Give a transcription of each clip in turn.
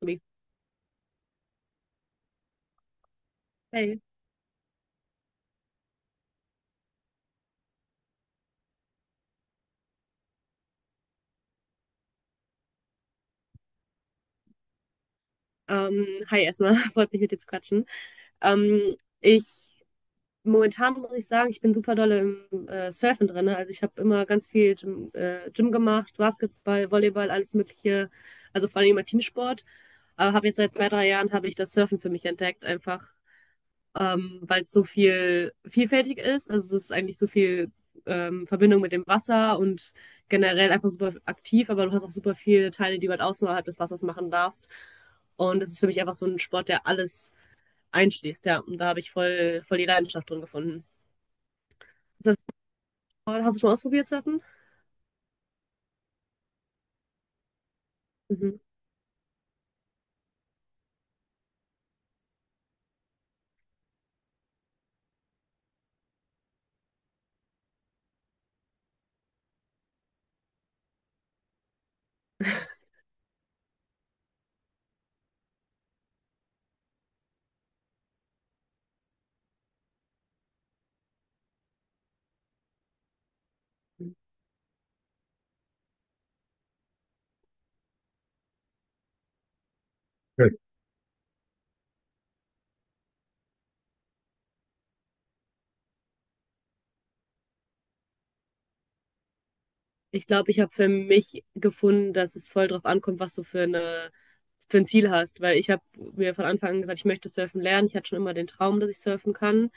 Tobi. Hey. Hi erstmal, freut mich mit dir zu quatschen. Ich Momentan muss ich sagen, ich bin super dolle im Surfen drin, ne? Also ich habe immer ganz viel Gym, Gym gemacht, Basketball, Volleyball, alles Mögliche. Also vor allem immer Teamsport. Aber habe jetzt seit 2, 3 Jahren habe ich das Surfen für mich entdeckt, einfach weil es so viel vielfältig ist. Also es ist eigentlich so viel Verbindung mit dem Wasser und generell einfach super aktiv, aber du hast auch super viele Teile, die du halt außerhalb des Wassers machen darfst. Und das ist für mich einfach so ein Sport, der alles einschließt, ja. Und da habe ich voll, voll die Leidenschaft drin gefunden. Ist das, hast du schon mal ausprobiert, Surfen? Mhm. Ja, Ich glaube, ich habe für mich gefunden, dass es voll drauf ankommt, was du für ein Ziel hast. Weil ich habe mir von Anfang an gesagt, ich möchte surfen lernen. Ich hatte schon immer den Traum, dass ich surfen kann.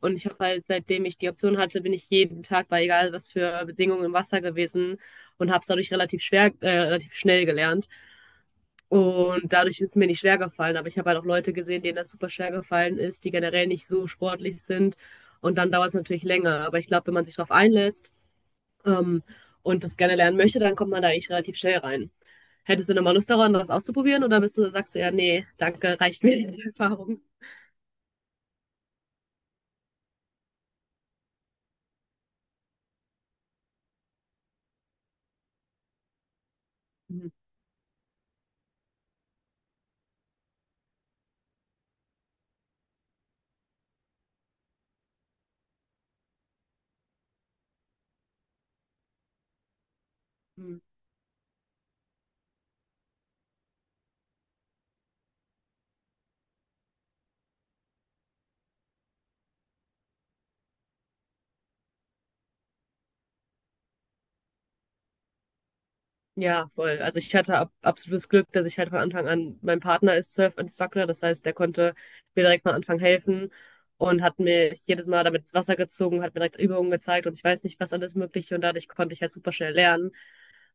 Und ich habe halt, seitdem ich die Option hatte, bin ich jeden Tag bei egal was für Bedingungen im Wasser gewesen und habe es dadurch relativ schnell gelernt. Und dadurch ist es mir nicht schwer gefallen. Aber ich habe halt auch Leute gesehen, denen das super schwer gefallen ist, die generell nicht so sportlich sind. Und dann dauert es natürlich länger. Aber ich glaube, wenn man sich darauf einlässt ähm, und das gerne lernen möchte, dann kommt man da eigentlich relativ schnell rein. Hättest du nochmal Lust daran, das auszuprobieren? Oder sagst du ja, nee, danke, reicht mir die Erfahrung? Mhm. Ja, voll. Also ich hatte absolutes Glück, dass ich halt von Anfang an, mein Partner ist Surf-Instructor, das heißt, der konnte mir direkt von Anfang helfen und hat mir jedes Mal damit ins Wasser gezogen, hat mir direkt Übungen gezeigt und ich weiß nicht, was alles Mögliche, und dadurch konnte ich halt super schnell lernen.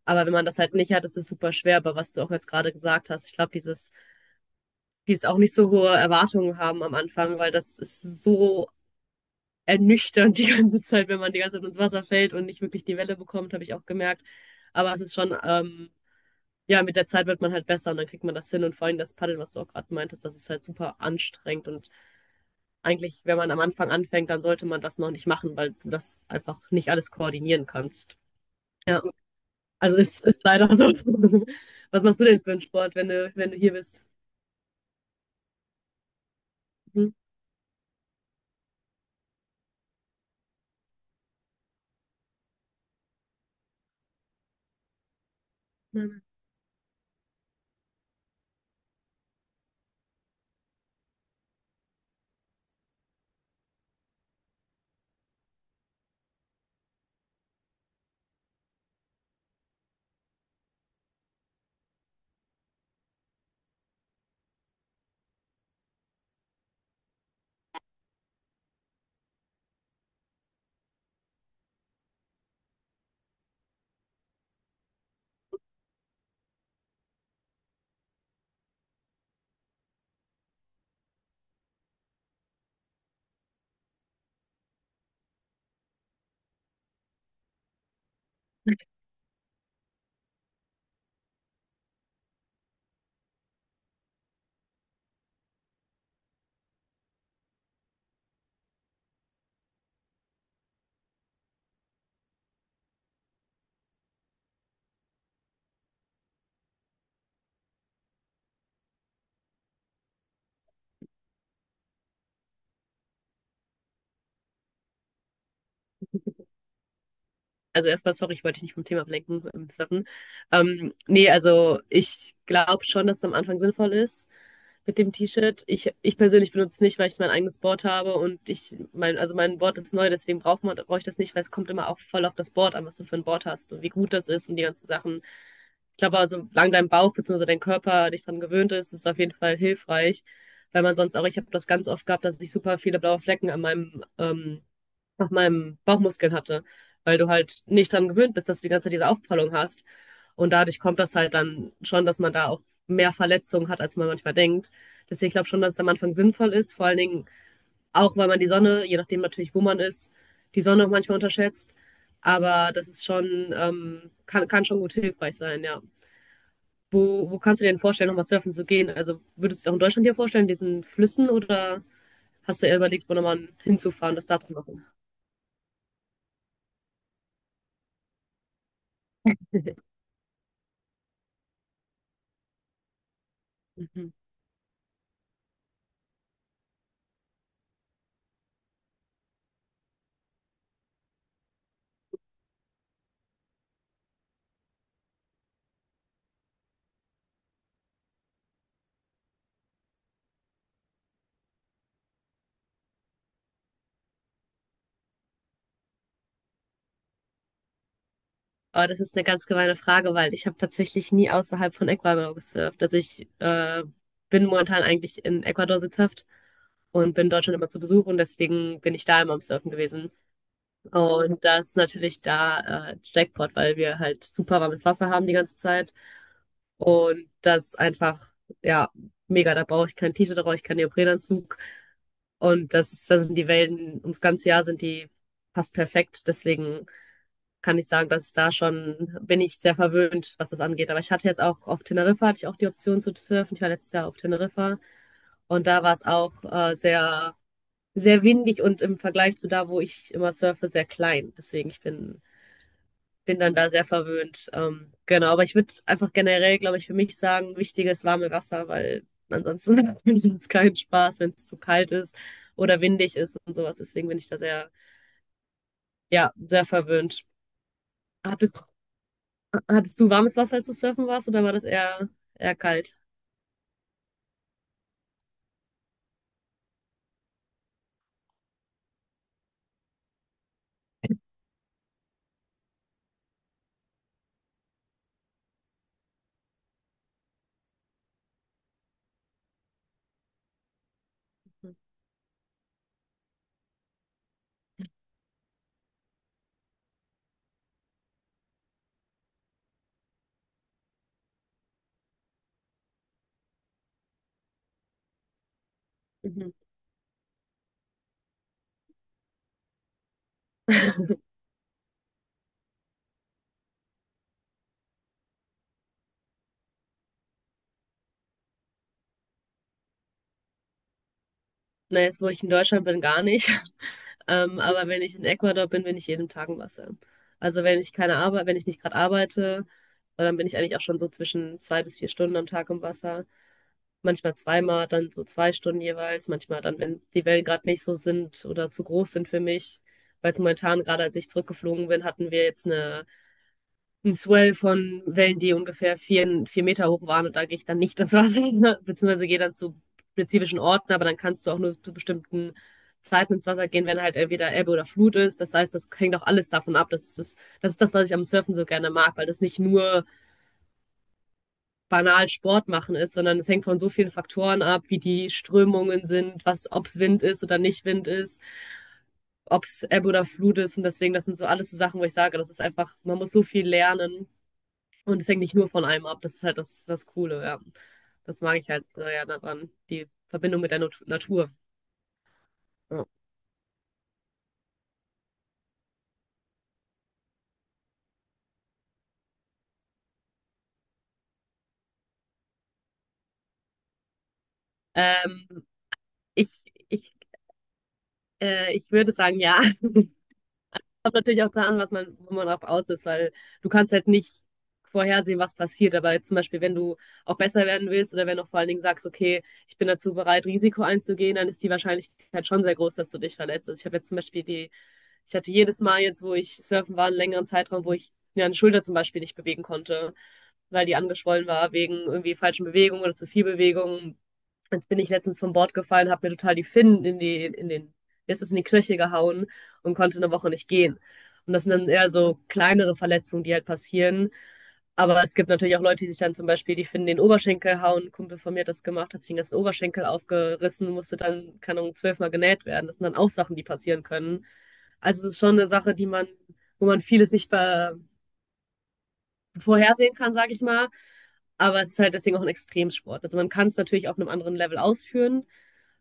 Aber wenn man das halt nicht hat, ist es super schwer, aber was du auch jetzt gerade gesagt hast, ich glaube, dieses auch nicht so hohe Erwartungen haben am Anfang, weil das ist so ernüchternd die ganze Zeit, wenn man die ganze Zeit ins Wasser fällt und nicht wirklich die Welle bekommt, habe ich auch gemerkt. Aber es ist schon, ja, mit der Zeit wird man halt besser und dann kriegt man das hin. Und vor allem das Paddel, was du auch gerade meintest, das ist halt super anstrengend. Und eigentlich, wenn man am Anfang anfängt, dann sollte man das noch nicht machen, weil du das einfach nicht alles koordinieren kannst. Ja, also ist leider so. Was machst du denn für einen Sport, wenn du hier bist? Mhm. Also erstmal, sorry, ich wollte dich nicht vom Thema ablenken. Sorry. Nee, also ich glaube schon, dass es am Anfang sinnvoll ist mit dem T-Shirt. Ich persönlich benutze es nicht, weil ich mein eigenes Board habe und also mein Board ist neu, deswegen brauche ich das nicht, weil es kommt immer auch voll auf das Board an, was du für ein Board hast und wie gut das ist und die ganzen Sachen. Ich glaube, also, solange dein Bauch bzw. dein Körper dich daran gewöhnt ist, ist es auf jeden Fall hilfreich. Weil man sonst auch, ich habe das ganz oft gehabt, dass ich super viele blaue Flecken an meinem auf meinem Bauchmuskeln hatte, weil du halt nicht dran gewöhnt bist, dass du die ganze Zeit diese Aufprallung hast. Und dadurch kommt das halt dann schon, dass man da auch mehr Verletzungen hat, als man manchmal denkt. Deswegen glaube ich schon, dass es am Anfang sinnvoll ist, vor allen Dingen auch, weil man die Sonne, je nachdem natürlich, wo man ist, die Sonne auch manchmal unterschätzt. Aber das ist schon, kann schon gut hilfreich sein, ja. Wo kannst du dir denn vorstellen, nochmal surfen zu gehen? Also würdest du es auch in Deutschland dir vorstellen, diesen Flüssen, oder hast du eher überlegt, wo nochmal hinzufahren, das da zu machen? Oh, das ist eine ganz gemeine Frage, weil ich habe tatsächlich nie außerhalb von Ecuador gesurft. Also ich bin momentan eigentlich in Ecuador sitzhaft und bin in Deutschland immer zu Besuch und deswegen bin ich da immer am Surfen gewesen. Und das ist natürlich da Jackpot, weil wir halt super warmes Wasser haben die ganze Zeit und das einfach, ja, mega. Da brauche ich kein T-Shirt, da brauche ich keinen Neoprenanzug und das ist, da sind die Wellen ums ganze Jahr sind die fast perfekt. Deswegen kann ich sagen, dass da schon bin ich sehr verwöhnt, was das angeht. Aber ich hatte jetzt auch auf Teneriffa, hatte ich auch die Option zu surfen. Ich war letztes Jahr auf Teneriffa und da war es auch sehr windig und im Vergleich zu da, wo ich immer surfe, sehr klein. Deswegen, bin dann da sehr verwöhnt. Genau, aber ich würde einfach generell, glaube ich, für mich sagen, wichtiges warme Wasser, weil ansonsten macht mir das keinen Spaß, wenn es zu kalt ist oder windig ist und sowas. Deswegen bin ich da ja, sehr verwöhnt. Hattest Hattest du warmes Wasser, als du surfen warst, oder war das eher kalt? Mhm. Na, jetzt, wo ich in Deutschland bin, gar nicht. Aber wenn ich in Ecuador bin, bin ich jeden Tag im Wasser. Also wenn ich keine Arbeit, wenn ich nicht gerade arbeite, dann bin ich eigentlich auch schon so zwischen 2 bis 4 Stunden am Tag im Wasser. Manchmal zweimal, dann so 2 Stunden jeweils. Manchmal dann, wenn die Wellen gerade nicht so sind oder zu groß sind für mich. Weil es momentan, gerade als ich zurückgeflogen bin, hatten wir jetzt ein Swell von Wellen, die ungefähr 4, 4 Meter hoch waren und da gehe ich dann nicht ins Wasser, ne? Beziehungsweise gehe dann zu spezifischen Orten, aber dann kannst du auch nur zu bestimmten Zeiten ins Wasser gehen, wenn halt entweder Ebbe oder Flut ist. Das heißt, das hängt auch alles davon ab. Das ist das, was ich am Surfen so gerne mag, weil das nicht nur banal Sport machen ist, sondern es hängt von so vielen Faktoren ab, wie die Strömungen sind, was, ob es Wind ist oder nicht Wind ist, ob es Ebbe oder Flut ist. Und deswegen, das sind so alles so Sachen, wo ich sage, das ist einfach, man muss so viel lernen und es hängt nicht nur von einem ab, das ist halt das, das Coole, ja. Das mag ich halt ja daran, die Verbindung mit der Natur. Ja. Ähm, ich, ich, Ich würde sagen, ja. Kommt natürlich auch daran, was man, wo man drauf aus ist, weil du kannst halt nicht vorhersehen, was passiert. Aber jetzt zum Beispiel, wenn du auch besser werden willst oder wenn du vor allen Dingen sagst, okay, ich bin dazu bereit, Risiko einzugehen, dann ist die Wahrscheinlichkeit schon sehr groß, dass du dich verletzt. Also ich habe jetzt zum Beispiel die Ich hatte jedes Mal jetzt, wo ich surfen war, einen längeren Zeitraum, wo ich mir eine Schulter zum Beispiel nicht bewegen konnte, weil die angeschwollen war wegen irgendwie falschen Bewegungen oder zu viel Bewegung. Jetzt bin ich letztens vom Bord gefallen, habe mir total die Finnen in den, ist es in die Knöchel gehauen und konnte eine Woche nicht gehen. Und das sind dann eher so kleinere Verletzungen, die halt passieren. Aber es gibt natürlich auch Leute, die sich dann zum Beispiel, die finden den Oberschenkel hauen. Ein Kumpel von mir hat das gemacht, hat sich den ganzen Oberschenkel aufgerissen, musste dann, keine Ahnung, 12-mal genäht werden. Das sind dann auch Sachen, die passieren können. Also es ist schon eine Sache, die man, wo man vieles nicht be vorhersehen kann, sage ich mal. Aber es ist halt deswegen auch ein Extremsport. Also man kann es natürlich auf einem anderen Level ausführen,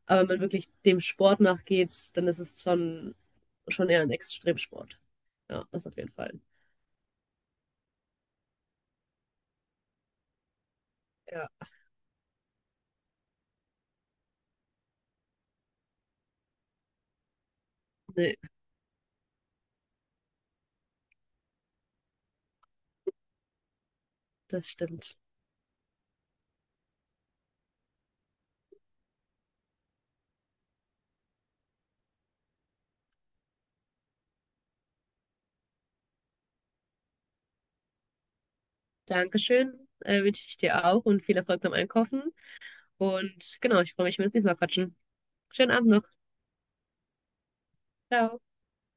aber wenn man wirklich dem Sport nachgeht, dann ist es schon eher ein Extremsport. Ja, das auf jeden Fall. Ja. Nee, das stimmt. Dankeschön, wünsche ich dir auch und viel Erfolg beim Einkaufen. Und genau, ich freue mich, wenn wir uns nächstes Mal quatschen. Schönen Abend noch. Ciao.